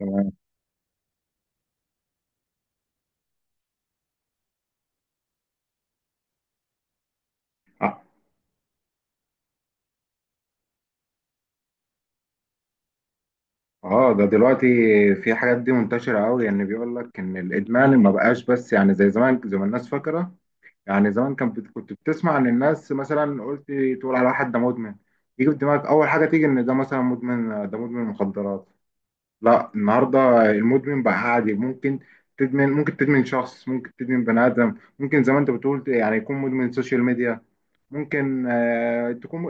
تمام. اه. آه، ده دلوقتي في حاجات دي منتشرة قوي، يعني بيقول لك ان الادمان ما بقاش، بس يعني زي زمان زي ما الناس فاكرة. يعني زمان كان كنت بتسمع ان الناس مثلا قلت تقول على واحد ده مدمن، يجي في دماغك اول حاجة تيجي ان ده مثلا مدمن، ده مدمن مخدرات. لا، النهاردة المدمن بقى عادي، ممكن تدمن، ممكن تدمن شخص، ممكن تدمن بني ادم، ممكن زي ما انت بتقول يعني يكون مدمن سوشيال ميديا، ممكن تكون.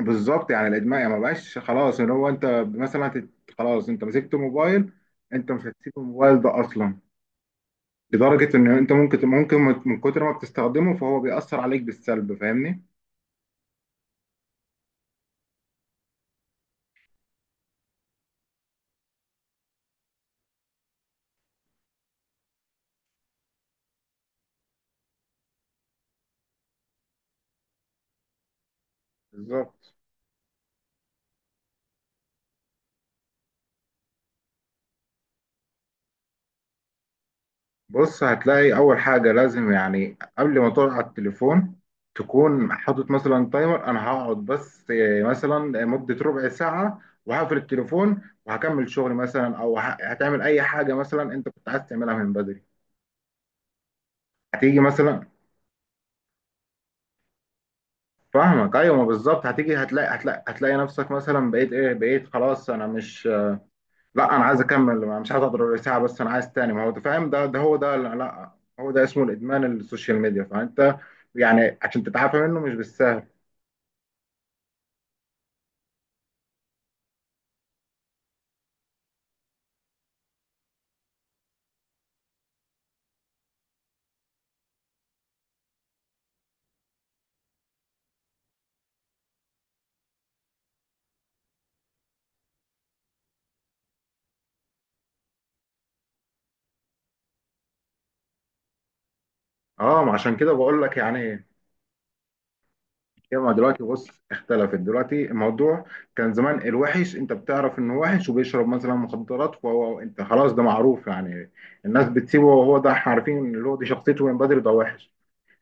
بالظبط يعني الادمان يعني ما بقاش خلاص، ان هو انت مثلا خلاص انت مسكت موبايل، انت مش هتسيب الموبايل ده اصلا، لدرجه ان انت ممكن من كتر ما بتستخدمه فهو بيأثر عليك بالسلب، فاهمني؟ بالظبط. بص، هتلاقي اول حاجه لازم يعني قبل ما تقعد على التليفون تكون حاطط مثلا تايمر، انا هقعد بس مثلا مده ربع ساعه وهقفل التليفون وهكمل شغل مثلا، او هتعمل اي حاجه مثلا انت كنت عايز تعملها من بدري. هتيجي مثلا، فاهمك. ايوه، ما بالظبط هتيجي هتلاقي، نفسك مثلا بقيت ايه، بقيت خلاص، انا مش، لا انا عايز اكمل، مش عايز اضرب ساعه بس انا عايز تاني. ما هو أنت فاهم، ده هو ده. لا لا، هو ده اسمه الادمان السوشيال ميديا، فانت يعني عشان تتعافى منه مش بالسهل. اه، ما عشان كده بقول لك يعني ايه. هي ما دلوقتي بص اختلفت دلوقتي الموضوع. كان زمان الوحش انت بتعرف انه وحش وبيشرب مثلا مخدرات، وهو انت خلاص ده معروف، يعني الناس بتسيبه، وهو ده احنا عارفين اللي هو دي شخصيته من بدري، ده وحش.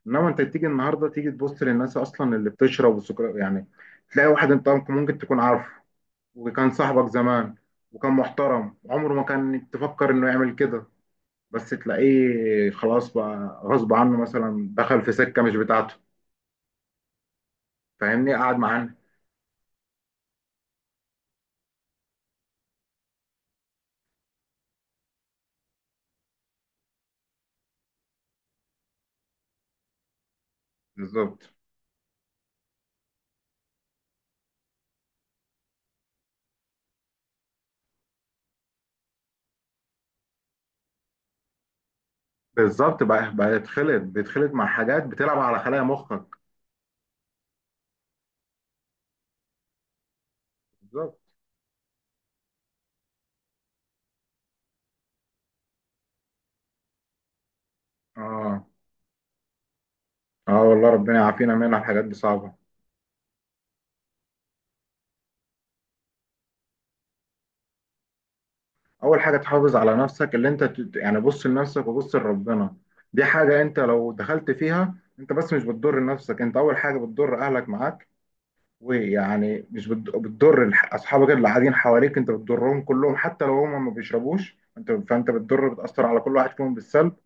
انما انت تيجي النهارده تيجي تبص للناس اصلا اللي بتشرب والسكر يعني، تلاقي واحد انت ممكن تكون عارفه، وكان صاحبك زمان، وكان محترم، عمره ما كان تفكر انه يعمل كده، بس تلاقيه خلاص بقى غصب عنه مثلا دخل في سكه مش بتاعته. فاهمني؟ قعد معانا. بالظبط بالظبط بقى بقى يتخلط بيتخلط مع حاجات بتلعب على خلايا مخك. بالظبط. اه، اه، والله ربنا يعافينا منها، الحاجات دي صعبه. اول حاجه تحافظ على نفسك، اللي انت يعني بص لنفسك وبص لربنا. دي حاجه انت لو دخلت فيها انت بس مش بتضر نفسك انت، اول حاجه بتضر اهلك معاك، ويعني مش بت- بتضر اصحابك اللي قاعدين حواليك، انت بتضرهم كلهم، حتى لو هم ما بيشربوش انت، فانت بتضر بتاثر على كل واحد فيهم بالسلب.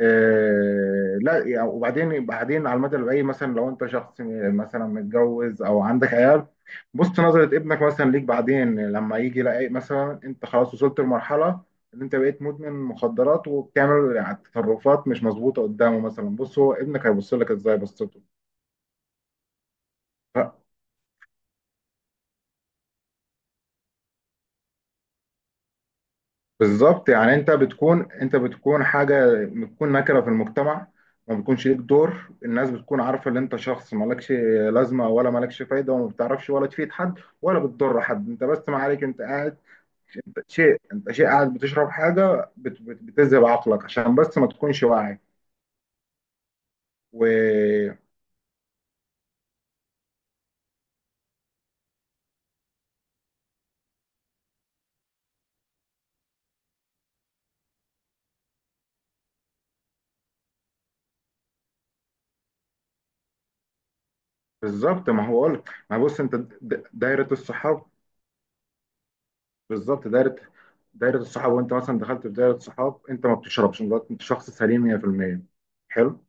آه، لا يعني، وبعدين على المدى البعيد مثلا لو انت شخص مثلا متجوز او عندك عيال، بص نظرة ابنك مثلا ليك بعدين لما يجي يلاقي مثلا انت خلاص وصلت لمرحلة ان انت بقيت مدمن مخدرات وبتعمل يعني تصرفات مش مظبوطة قدامه، مثلا بص هو ابنك هيبص لك ازاي بصته. بالظبط يعني انت بتكون حاجه، بتكون نكره في المجتمع، ما بتكونش ليك دور، الناس بتكون عارفه ان انت شخص مالكش لازمه ولا مالكش فايده، وما بتعرفش ولا تفيد حد ولا بتضر حد، انت بس ما عليك، انت قاعد، انت شيء قاعد بتشرب حاجه بت بت بتذهب عقلك عشان بس ما تكونش واعي. وبالظبط، ما هو قلت، ما بص انت دايره الصحاب. بالظبط دايره الصحاب، وانت مثلا دخلت في دايره صحاب انت ما بتشربش، انت شخص سليم 100%. حلو.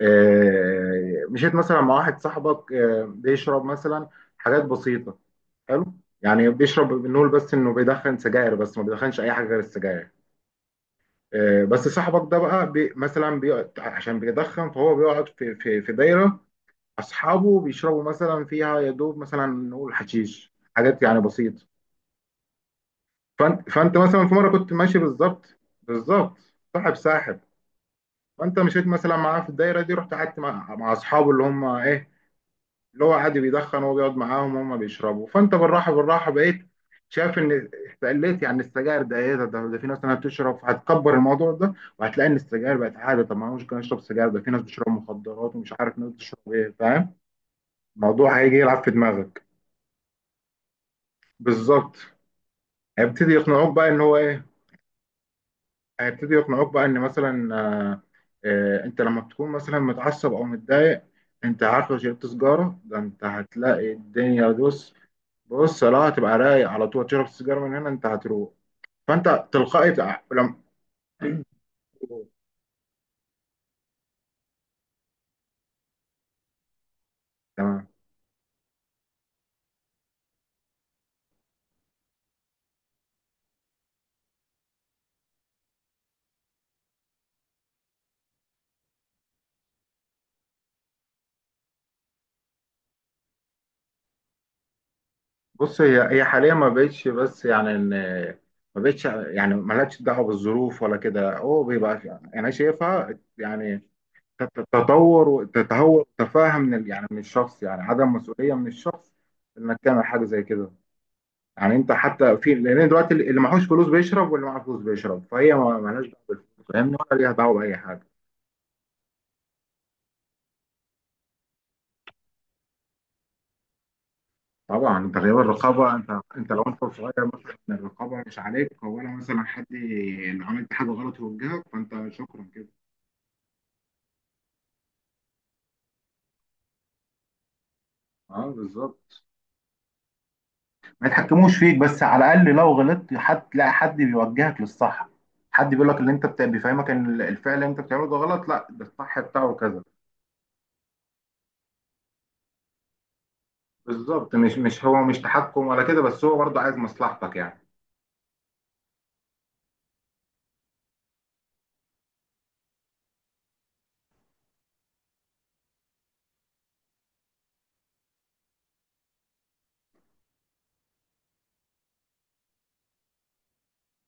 آه، مشيت مثلا مع واحد صاحبك بيشرب مثلا حاجات بسيطة. حلو. يعني بيشرب، بنقول بس انه بيدخن سجاير، بس ما بيدخنش اي حاجة غير السجاير. آه، بس صاحبك ده بقى مثلا بيقعد عشان بيدخن، فهو بيقعد في دايرة اصحابه بيشربوا مثلا فيها يا دوب مثلا نقول حشيش، حاجات يعني بسيطة. فانت مثلا في مرة كنت ماشي، بالظبط بالظبط. صاحب ساحب، فانت مشيت مثلا معاه في الدايرة دي، رحت قعدت مع اصحابه اللي هم ايه، اللي هو عادي بيدخن وهو بيقعد معاهم وهم بيشربوا، فانت بالراحه بالراحه بقيت شايف ان استقليت يعني السجاير، ده ايه ده، ده ده في ناس انا بتشرب، هتكبر الموضوع ده وهتلاقي ان السجاير بقت عاده، طب ما انا مش كان اشرب سجاير، ده في ناس بتشرب مخدرات ومش عارف ناس بتشرب ايه، فاهم. الموضوع هيجي يلعب في دماغك. بالظبط، هيبتدي يقنعوك بقى ان هو ايه، هيبتدي يقنعوك بقى ان مثلا انت لما بتكون مثلا متعصب او متضايق، انت عارف لو شربت سجاره ده، انت هتلاقي الدنيا، بص بص، لا هتبقى رايق على طول، تشرب السيجاره من هنا انت هتروق. فانت تلقائي لما تمام. بص هي هي حاليا ما بقتش، بس يعني ان ما بقتش يعني مالهاش دعوه بالظروف ولا كده، هو بيبقى انا شايفها يعني تتطور وتتهور، تفاهم يعني من الشخص، يعني عدم مسؤوليه من الشخص انك تعمل حاجه زي كده. يعني انت حتى في، لان دلوقتي اللي معهوش فلوس بيشرب واللي معاه فلوس بيشرب، فهي مالهاش دعوه بالفلوس، فاهمني؟ ولا ليها دعوه باي حاجه. طبعا انت غياب الرقابه، انت لو انت صغير مثلا الرقابه مش عليك، ولا مثلا حد لو عملت حاجه غلط يوجهك، فانت شكرا كده. اه بالظبط، ما يتحكموش فيك بس على الاقل لو غلطت حد تلاقي حد بيوجهك للصح، حد بيقول لك اللي انت بيفهمك ان الفعل اللي انت بتعمله ده غلط، لا ده الصح بتاعه كذا. بالظبط، مش مش هو مش تحكم ولا كده، بس هو برضه عايز مصلحتك يعني.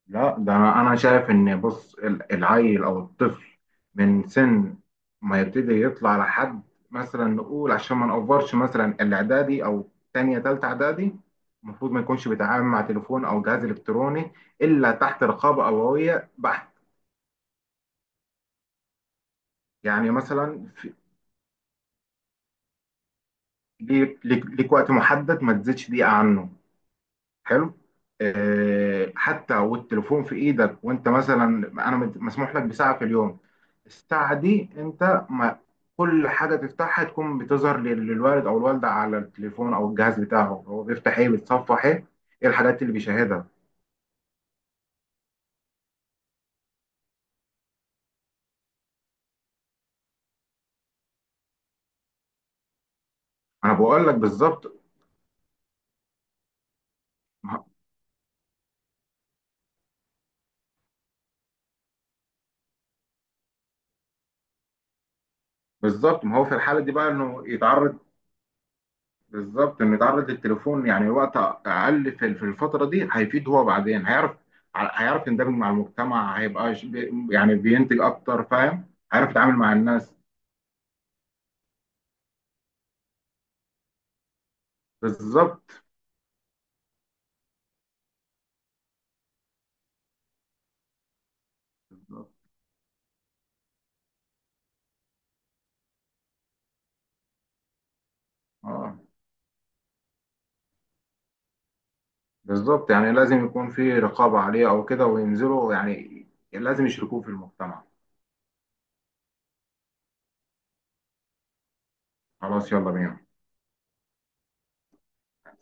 لا ده انا، أنا شايف ان بص العيل او الطفل من سن ما يبتدي يطلع لحد مثلا نقول عشان ما نقفرش مثلا الاعدادي او تانية تالتة اعدادي، المفروض ما يكونش بيتعامل مع تليفون او جهاز الكتروني الا تحت رقابة ابوية بحت. يعني ليك وقت محدد ما تزيدش دقيقة عنه. حلو. آه، حتى والتليفون في ايدك وانت مثلا انا مسموح لك بساعه في اليوم، الساعه دي انت ما، كل حاجه تفتحها تكون بتظهر للوالد او الوالده على التليفون او الجهاز بتاعه، هو بيفتح ايه، بيتصفح ايه، ايه الحاجات اللي بيشاهدها. انا بقول لك بالظبط. ما- بالظبط ما هو في الحاله دي بقى انه يتعرض، بالظبط انه يتعرض للتليفون يعني وقت اقل في الفتره دي هيفيد، هو بعدين هيعرف، يندمج مع المجتمع، هيبقى يعني بينتج اكتر فاهم. هيعرف يتعامل مع الناس بالظبط. اه بالظبط، يعني لازم يكون في رقابه عليه او كده وينزلوا يعني، لازم يشركوه في المجتمع. خلاص، يلا بينا.